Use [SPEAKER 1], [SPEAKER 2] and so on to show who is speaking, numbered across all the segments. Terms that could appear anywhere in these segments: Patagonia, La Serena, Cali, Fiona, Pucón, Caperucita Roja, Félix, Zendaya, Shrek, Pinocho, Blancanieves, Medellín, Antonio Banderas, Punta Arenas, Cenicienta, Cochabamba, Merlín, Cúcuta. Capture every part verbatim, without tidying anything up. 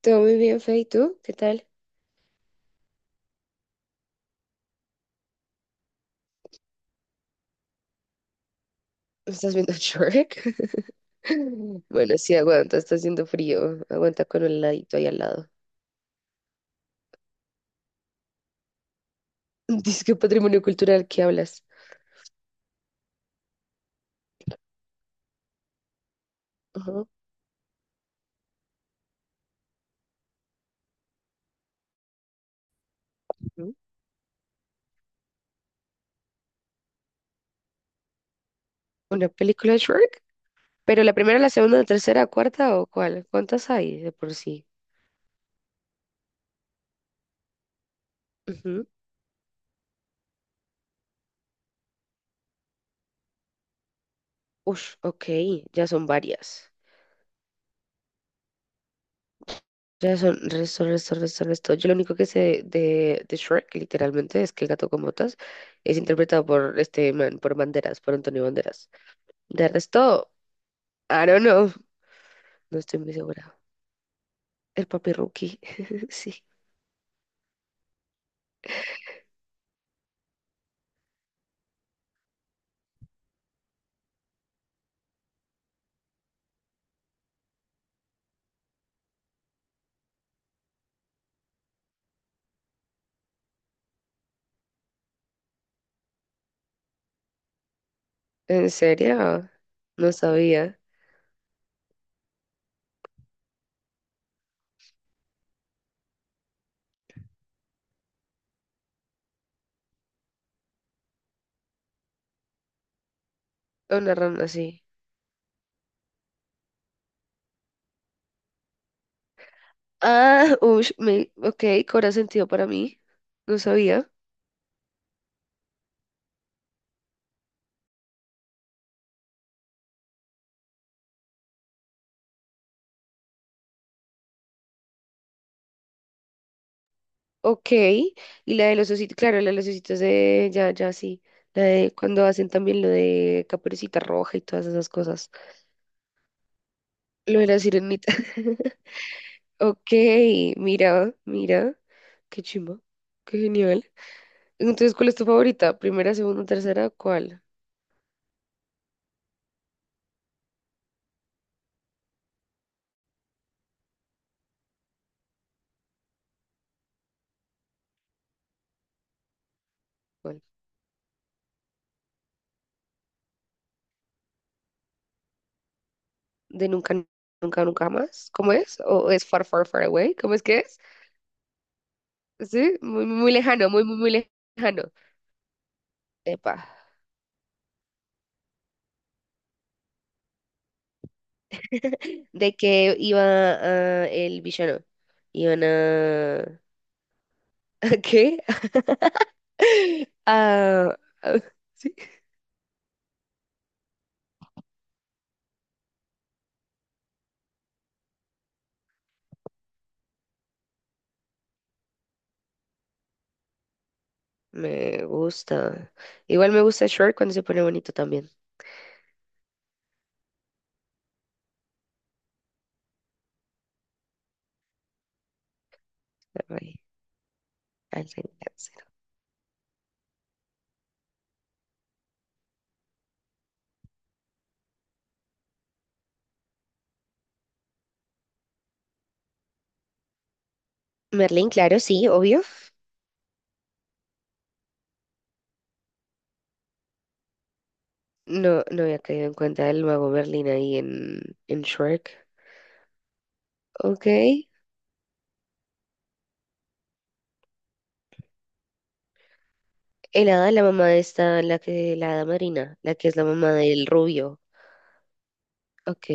[SPEAKER 1] Todo muy bien, Fe, ¿y tú? ¿Qué tal? ¿No ¿Estás viendo Shrek? Bueno, sí, aguanta, está haciendo frío. Aguanta con el ladito ahí al lado. Dice que patrimonio cultural, ¿qué hablas? Ajá. ¿Mm? ¿Una película de Shrek? ¿Pero la primera, la segunda, la tercera, cuarta o cuál? ¿Cuántas hay de por sí? Ujú. Ush, ok, ya son varias. Ya son resto, resto, resto, resto. Yo lo único que sé de, de Shrek, literalmente, es que el gato con botas es interpretado por este man, por Banderas, por Antonio Banderas. De resto. I don't know. No estoy muy segura. El papi Rookie. Sí. ¿En serio? No sabía. Una rana así. Ah, ush, me, ok, cobra sentido para mí. No sabía. Ok. Y la de los ositos, claro, la de los ositos de. Ya, ya, sí. La de cuando hacen también lo de Caperucita Roja y todas esas cosas. Lo de la sirenita. Ok, mira, mira. Qué chimba. Qué genial. Entonces, ¿cuál es tu favorita? ¿Primera, segunda, tercera? ¿Cuál? ¿Cuál? De nunca, nunca, nunca más. ¿Cómo es? ¿O es far, far, far away? ¿Cómo es que es? Sí, muy, muy, muy lejano, muy, muy, muy lejano. Epa. De que iba ah, el villano. Iban a... ¿A qué? A- a- sí. Me gusta. Igual me gusta Shrek cuando se pone bonito también. Ay, al reencarnárselo. Merlín, claro, sí, obvio. No, no había caído en cuenta el mago Merlín ahí en, en Shrek. Ok. El hada, la mamá de esta, la que, la hada marina, la que es la mamá del rubio. Ok.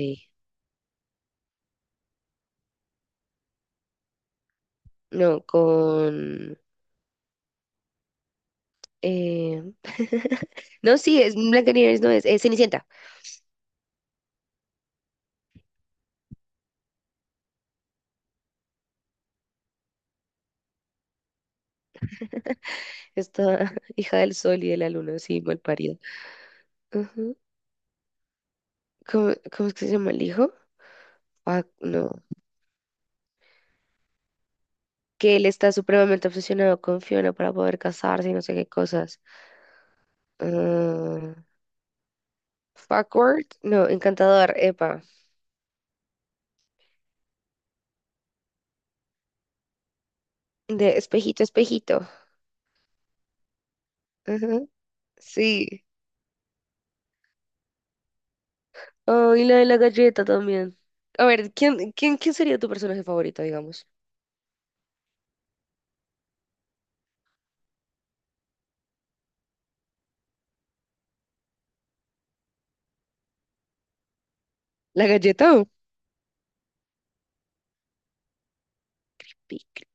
[SPEAKER 1] No, con. eh, No, sí, es Blancanieves, no es, es Cenicienta. Esta hija del sol y de la luna, sí, mal parida. Ujú. ¿Cómo, cómo es que se llama el hijo? Ah, no. Que él está supremamente obsesionado con Fiona para poder casarse y no sé qué cosas. Ah, Fuckworth, no, encantador, epa. De espejito, espejito. Ajá, sí. Oh, y la de la galleta también. A ver, ¿quién, quién, quién sería tu personaje favorito, digamos? ¿La galleta o Piccolo?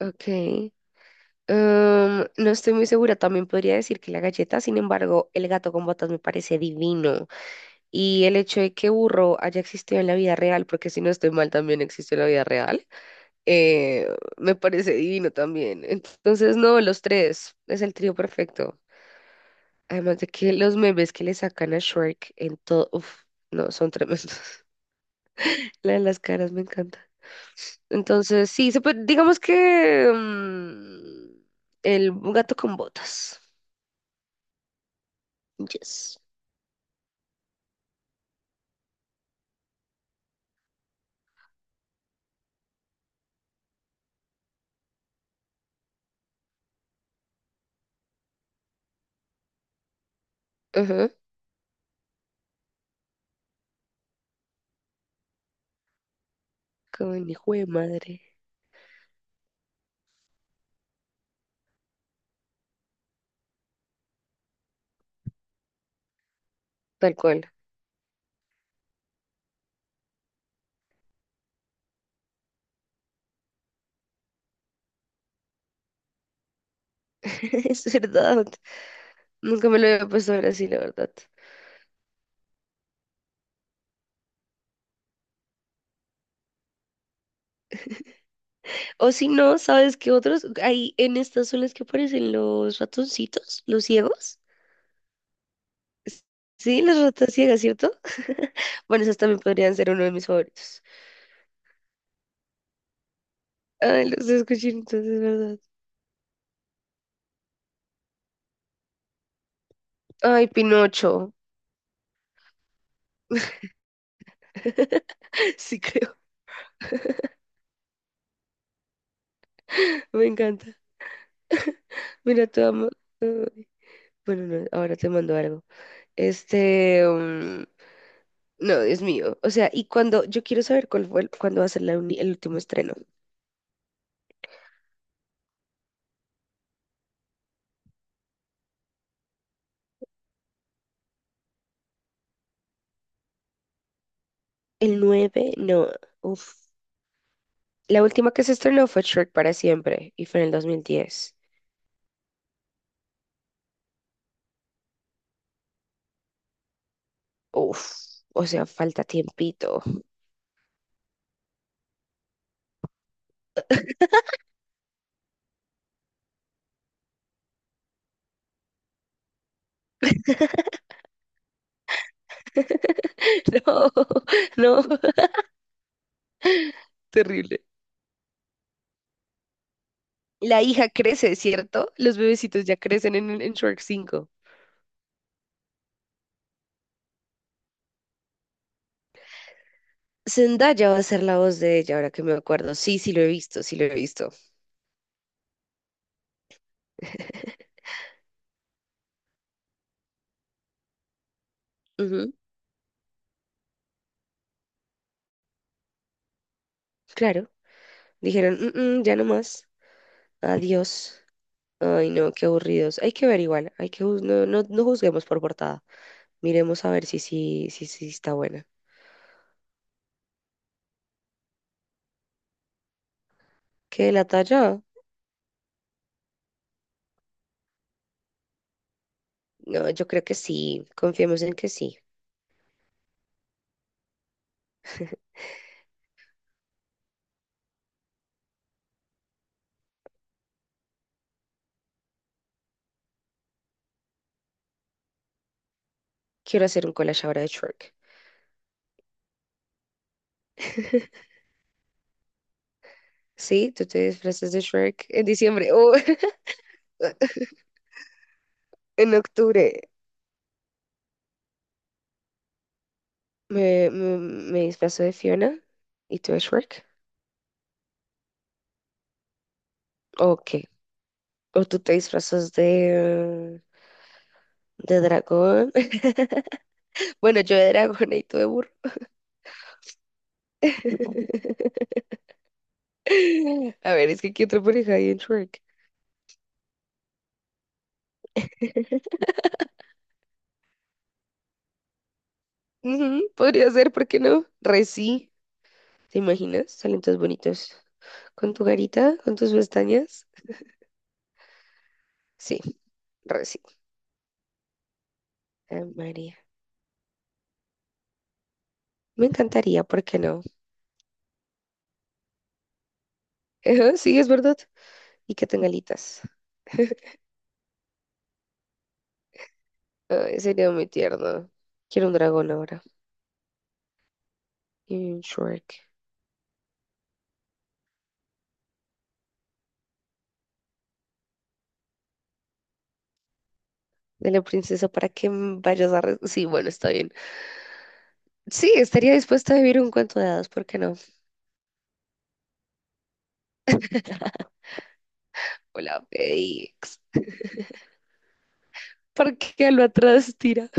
[SPEAKER 1] Ok. Um, no estoy muy segura. También podría decir que la galleta, sin embargo, el gato con botas me parece divino. Y el hecho de que Burro haya existido en la vida real, porque si no estoy mal, también existe en la vida real, eh, me parece divino también. Entonces, no, los tres. Es el trío perfecto. Además de que los memes que le sacan a Shrek en todo. Uf, no, son tremendos. La de las caras me encanta. Entonces, sí, se puede, digamos que mm, el gato con botas. Yes. Ajá. Como el hijo de madre. Tal cual. Es verdad. Nunca me lo había puesto a ver así, la verdad. O si no, ¿sabes qué otros? Hay en estas son las que aparecen los ratoncitos, los ciegos. S- sí, las ratas ciegas, ¿cierto? Bueno, esas también podrían ser uno de mis favoritos. Ay, los escuché, entonces, ¿verdad? Ay, Pinocho. Sí, me encanta. Mira, te amo. eh, Bueno, no, ahora te mando algo. Este, mm, no, Dios mío. O sea, y cuando, yo quiero saber cuál fue, el- cuándo va a ser la uni- el último estreno. El nueve, no, uf. La última que se estrenó fue Shrek para siempre y fue en el dos mil diez. Uf, o sea, falta tiempito. No, no, terrible. La hija crece, ¿cierto? Los bebecitos ya crecen en, en Shrek cinco. Zendaya va a ser la voz de ella, ahora que me acuerdo. Sí, sí lo he visto, sí lo he visto. Ujú, claro. Dijeron, "Mm, mm, ya no más. Adiós. Ay, no, qué aburridos. Hay que ver igual. Hay que juz- no, no, no juzguemos por portada. Miremos a ver si sí si, si, está buena. ¿Qué la talla? No, yo creo que sí. Confiemos en que sí. Quiero hacer un collage ahora de Shrek. Sí, tú te disfrazas de Shrek en diciembre o en octubre. Me, me, me disfrazo de Fiona y tú de Shrek. Ok. O tú te disfrazas de, eh, de dragón. Bueno, yo de dragona y tú de burro. A ver, es que ¿qué otra pareja hay en Shrek? Ujú, podría ser, ¿por qué no? Re sí. ¿Te imaginas? Salen todos bonitos. Con tu garita, con tus pestañas. Sí, re sí. Ay, María. Me encantaría, ¿por qué no? Ajá, sí, es verdad. Y que tenga alitas. Ay, sería muy tierno. Quiero un dragón ahora. Y un Shrek. De la princesa para que m- vayas a... re- sí, bueno, está bien. Sí, estaría dispuesta a vivir un cuento de hadas, ¿por qué no? Hola, Félix. ¿Por qué lo atrás tira?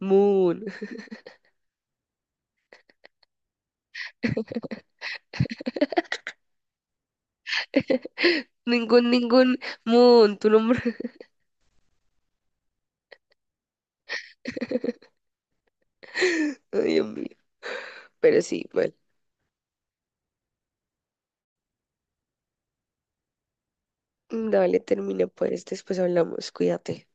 [SPEAKER 1] Moon. Ningún, ningún. Moon, tu nombre. Ay, Dios mío. Pero sí, bueno. Dale, termina pues. Después hablamos. Cuídate.